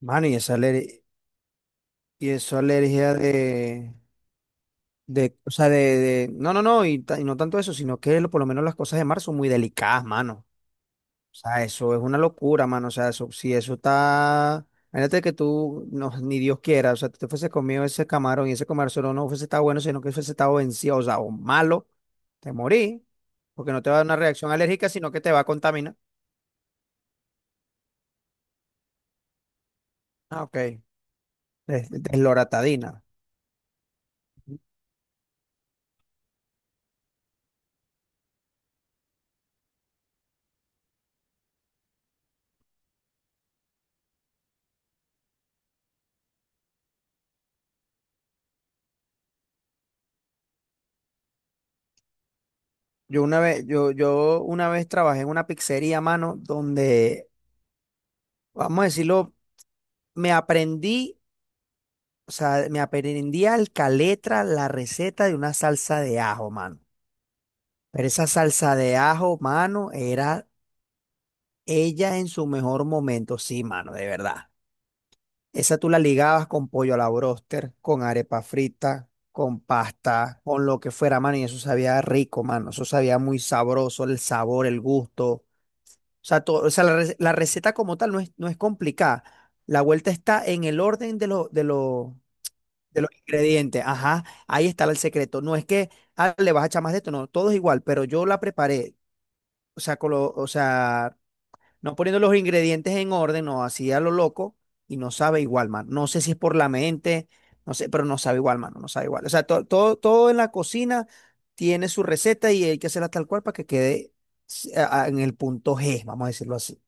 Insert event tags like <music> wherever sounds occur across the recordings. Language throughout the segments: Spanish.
Mano, y esa, y esa alergia o sea, no, no, no, y no tanto eso, sino que por lo menos las cosas de mar son muy delicadas, mano. O sea, eso es una locura, mano. O sea, eso, si eso está, imagínate que tú, no, ni Dios quiera, o sea, tú te fuese comido ese camarón y ese camarón solo no fuese estado bueno, sino que fuese estado vencido, o sea, o malo, te morí, porque no te va a dar una reacción alérgica, sino que te va a contaminar. Ah, ok. Es Desloratadina. Yo una vez trabajé en una pizzería, mano, donde, vamos a decirlo, me aprendí, o sea, me aprendí al caletra la receta de una salsa de ajo, mano. Pero esa salsa de ajo, mano, era ella en su mejor momento, sí, mano, de verdad. Esa tú la ligabas con pollo a la bróster, con arepa frita, con pasta, con lo que fuera, mano, y eso sabía rico, mano. Eso sabía muy sabroso, el sabor, el gusto. O sea, o sea, la receta como tal no es, no es complicada. La vuelta está en el orden de los ingredientes. Ajá, ahí está el secreto. No es que ah, le vas a echar más de esto, no, todo es igual, pero yo la preparé. O sea, o sea, no poniendo los ingredientes en orden, no, así a lo loco y no sabe igual, mano. No sé si es por la mente, no sé, pero no sabe igual, mano, no sabe igual. O sea, todo, todo en la cocina tiene su receta y hay que hacerla tal cual para que quede en el punto G, vamos a decirlo así.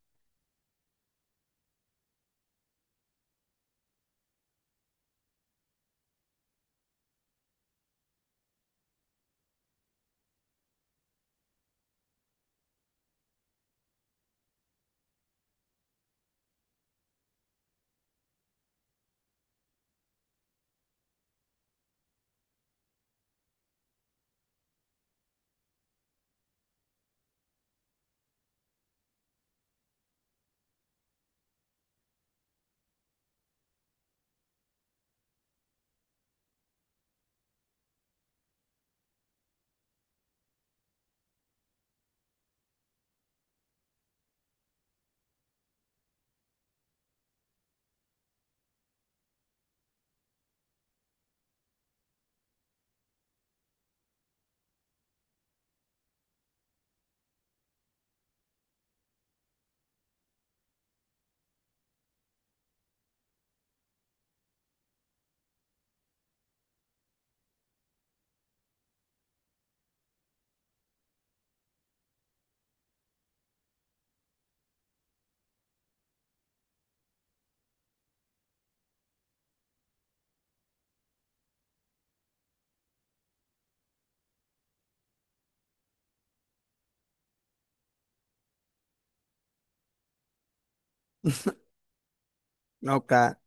No, ca-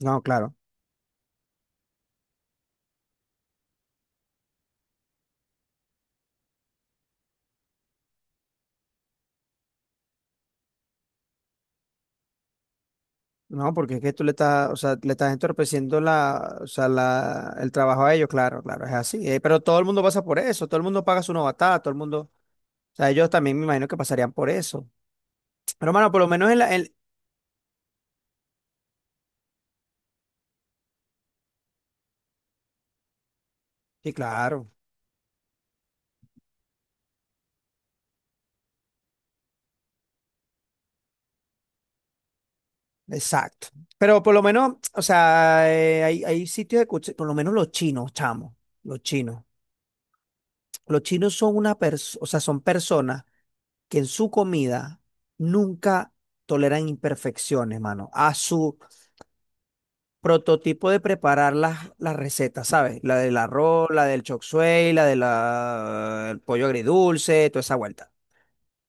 no, claro. No, porque es que tú le estás, o sea, le estás entorpeciendo la, o sea, la, el trabajo a ellos, claro, claro, es así. Pero todo el mundo pasa por eso, todo el mundo paga su novatada, todo el mundo, o sea, ellos también me imagino que pasarían por eso. Pero hermano, por lo menos sí, claro, exacto. Pero por lo menos, o sea, hay sitios de por lo menos los chinos, chamo, los chinos. Los chinos son una persona, o sea, son personas que en su comida nunca toleran imperfecciones, mano. A su prototipo de preparar las recetas, ¿sabes? La del arroz, la del chop suey, la del pollo agridulce, toda esa vuelta.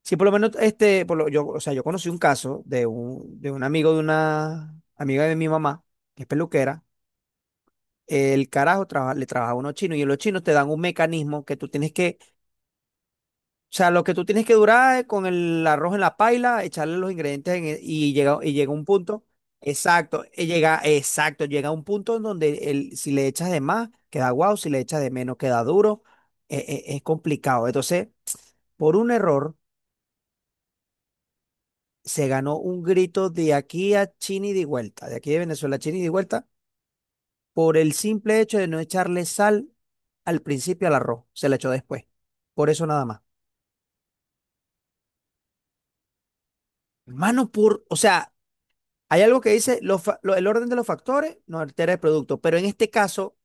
Sí, por lo menos, este, yo, o sea, yo conocí un caso de un, amigo de una amiga de mi mamá, que es peluquera. El carajo le trabaja a unos chinos y los chinos te dan un mecanismo que tú tienes que o sea, lo que tú tienes que durar es con el arroz en la paila, echarle los ingredientes y llega un punto. Exacto, y llega, exacto, llega un punto en donde el, si le echas de más, queda guau, si le echas de menos, queda duro. Es complicado. Entonces, por un error, se ganó un grito de aquí a Chini de vuelta, de aquí de Venezuela a Chini de vuelta, por el simple hecho de no echarle sal al principio al arroz, se le echó después. Por eso nada más. Mano, por, o sea, hay algo que dice el orden de los factores no altera el producto, pero en este caso,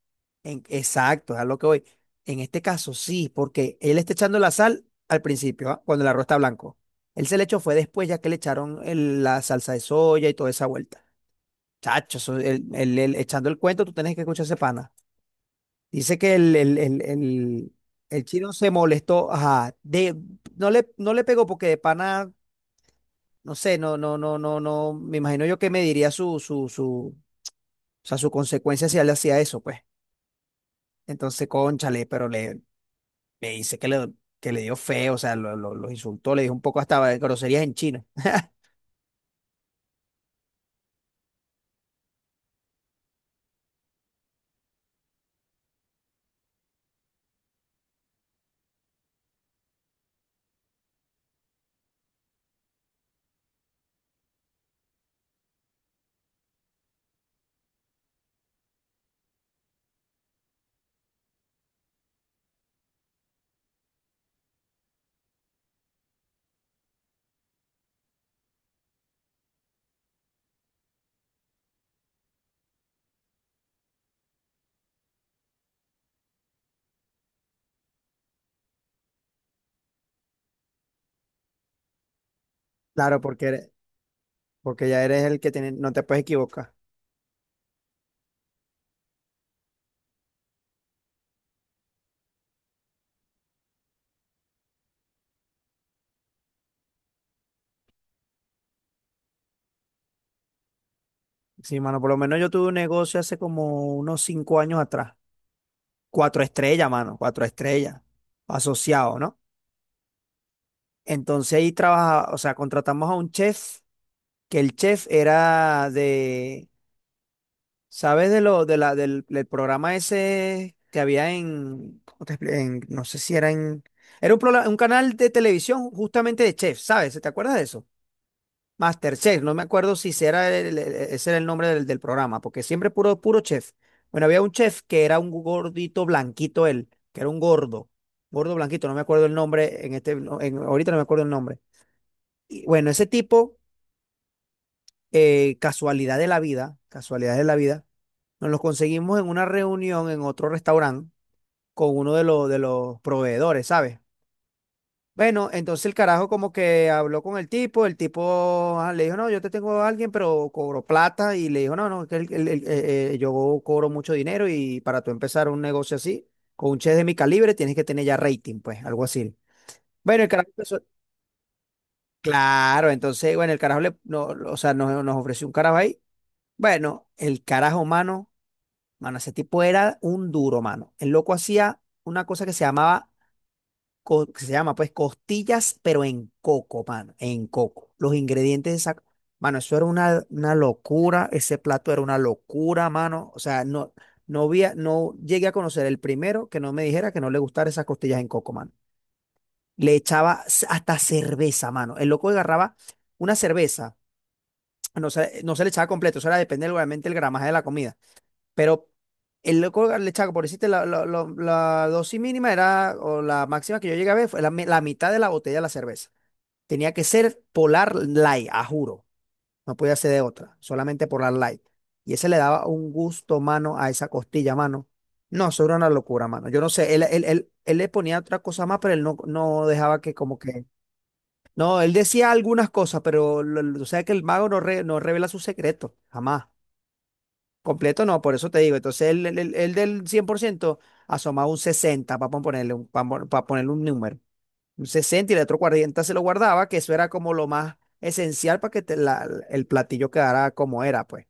en, exacto, es a lo que voy. En este caso sí, porque él está echando la sal al principio, ¿ah? Cuando el arroz está blanco. Él se le echó fue después, ya que le echaron la salsa de soya y toda esa vuelta. Chacho, eso, echando el cuento, tú tenés que escuchar ese pana. Dice que el chino se molestó, ajá, de, no le pegó porque de pana, no sé, no, no, no, no, no, me imagino yo que me diría su o sea, su consecuencia si él hacía eso, pues. Entonces, cónchale, le dice que le dio feo, o sea, los insultó, le dijo un poco hasta groserías en chino. <laughs> Claro, porque ya eres el que tiene, no te puedes equivocar. Sí, mano, por lo menos yo tuve un negocio hace como unos 5 años atrás. Cuatro estrellas, mano, cuatro estrellas. Asociado, ¿no? Entonces ahí trabajaba, o sea, contratamos a un chef, que el chef era de ¿sabes de lo, de la, del, del programa ese que había en, ¿cómo te no sé si era en, era un, un canal de televisión justamente de chef, ¿sabes? ¿Te acuerdas de eso? MasterChef, no me acuerdo si ese era el, ese era el nombre del programa, porque siempre puro, puro chef. Bueno, había un chef que era un gordito blanquito él, que era un gordo, gordo blanquito, no me acuerdo el nombre, en este, no, en, ahorita no me acuerdo el nombre. Y bueno, ese tipo, casualidad de la vida, casualidad de la vida nos los conseguimos en una reunión en otro restaurante con uno de los, proveedores, ¿sabes? Bueno, entonces el carajo como que habló con el tipo ah, le dijo, no, yo te tengo a alguien, pero cobro plata y le dijo, no, no, que yo cobro mucho dinero y para tú empezar un negocio así, con un chef de mi calibre, tienes que tener ya rating, pues, algo así. Bueno, claro, entonces, bueno, el carajo le, no, o sea, nos ofreció un carajo ahí. Bueno, el carajo humano, mano, ese tipo era un duro, mano. El loco hacía una cosa que se llamaba, que se llama pues costillas, pero en coco, mano, en coco. Los ingredientes de esa, mano, eso era una locura, ese plato era una locura, mano. O sea, no, no había, no llegué a conocer el primero que no me dijera que no le gustara esas costillas en coco, mano. Le echaba hasta cerveza, mano. El loco agarraba una cerveza, no se le echaba completo, eso era depende obviamente el gramaje de la comida, pero el loco le echaba, por decirte, la dosis mínima era, o la máxima que yo llegué a ver, fue la, la mitad de la botella de la cerveza. Tenía que ser Polar Light, a juro. No podía ser de otra, solamente Polar Light. Y ese le daba un gusto, mano, a esa costilla, mano. No, eso era una locura, mano. Yo no sé, él le ponía otra cosa más, pero él no, no dejaba que como que... No, él decía algunas cosas, pero o sea que el mago no, no revela su secreto, jamás. Completo no, por eso te digo. Entonces, el del 100% asomaba un 60 para ponerle un, para ponerle un número. Un 60 y el otro 40 se lo guardaba, que eso era como lo más esencial para que el platillo quedara como era, pues.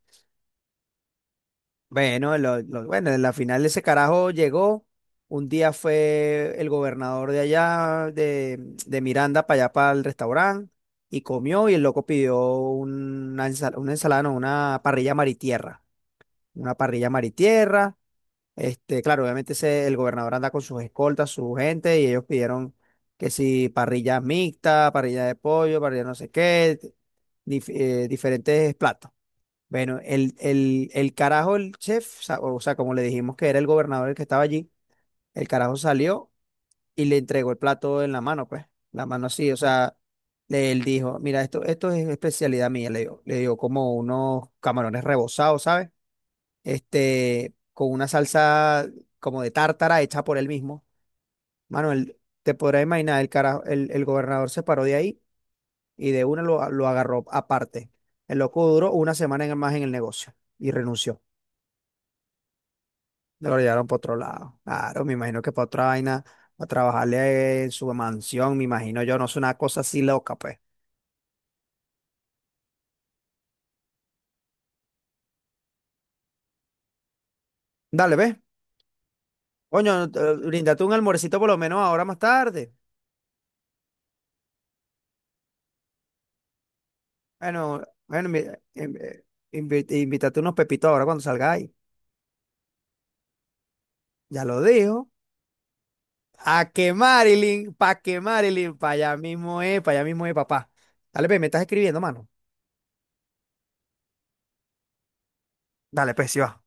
Bueno, bueno, en la final ese carajo llegó. Un día fue el gobernador de allá, de, Miranda, para allá, para el restaurante, y comió y el loco pidió una, una ensalada, no, una parrilla mar y tierra. Una parrilla mar y tierra, este, claro, obviamente el gobernador anda con sus escoltas, su gente, y ellos pidieron que si parrillas mixtas, parrilla de pollo, parrilla no sé qué, diferentes platos. Bueno, el chef, o sea, como le dijimos que era el gobernador el que estaba allí, el carajo salió y le entregó el plato en la mano, pues, la mano así, o sea, él dijo, mira, esto es especialidad mía, le dio como unos camarones rebozados, ¿sabes? Este, con una salsa como de tártara hecha por él mismo. Manuel, te podrás imaginar, el gobernador se paró de ahí y de una lo agarró aparte. El loco duró una semana más en el negocio y renunció. Lo llevaron para otro lado. Claro, me imagino que para otra vaina, a trabajarle en su mansión, me imagino yo, no es una cosa así loca, pues. Dale, ve. Coño, bríndate un almuercito por lo menos ahora más tarde. Bueno, bueno, invi- invi- invítate unos pepitos ahora cuando salgáis. Ya lo dijo a que Marilyn, pa' allá mismo es, pa' allá mismo es, papá. Dale, pues, me estás escribiendo, mano. Dale, pues, sí va.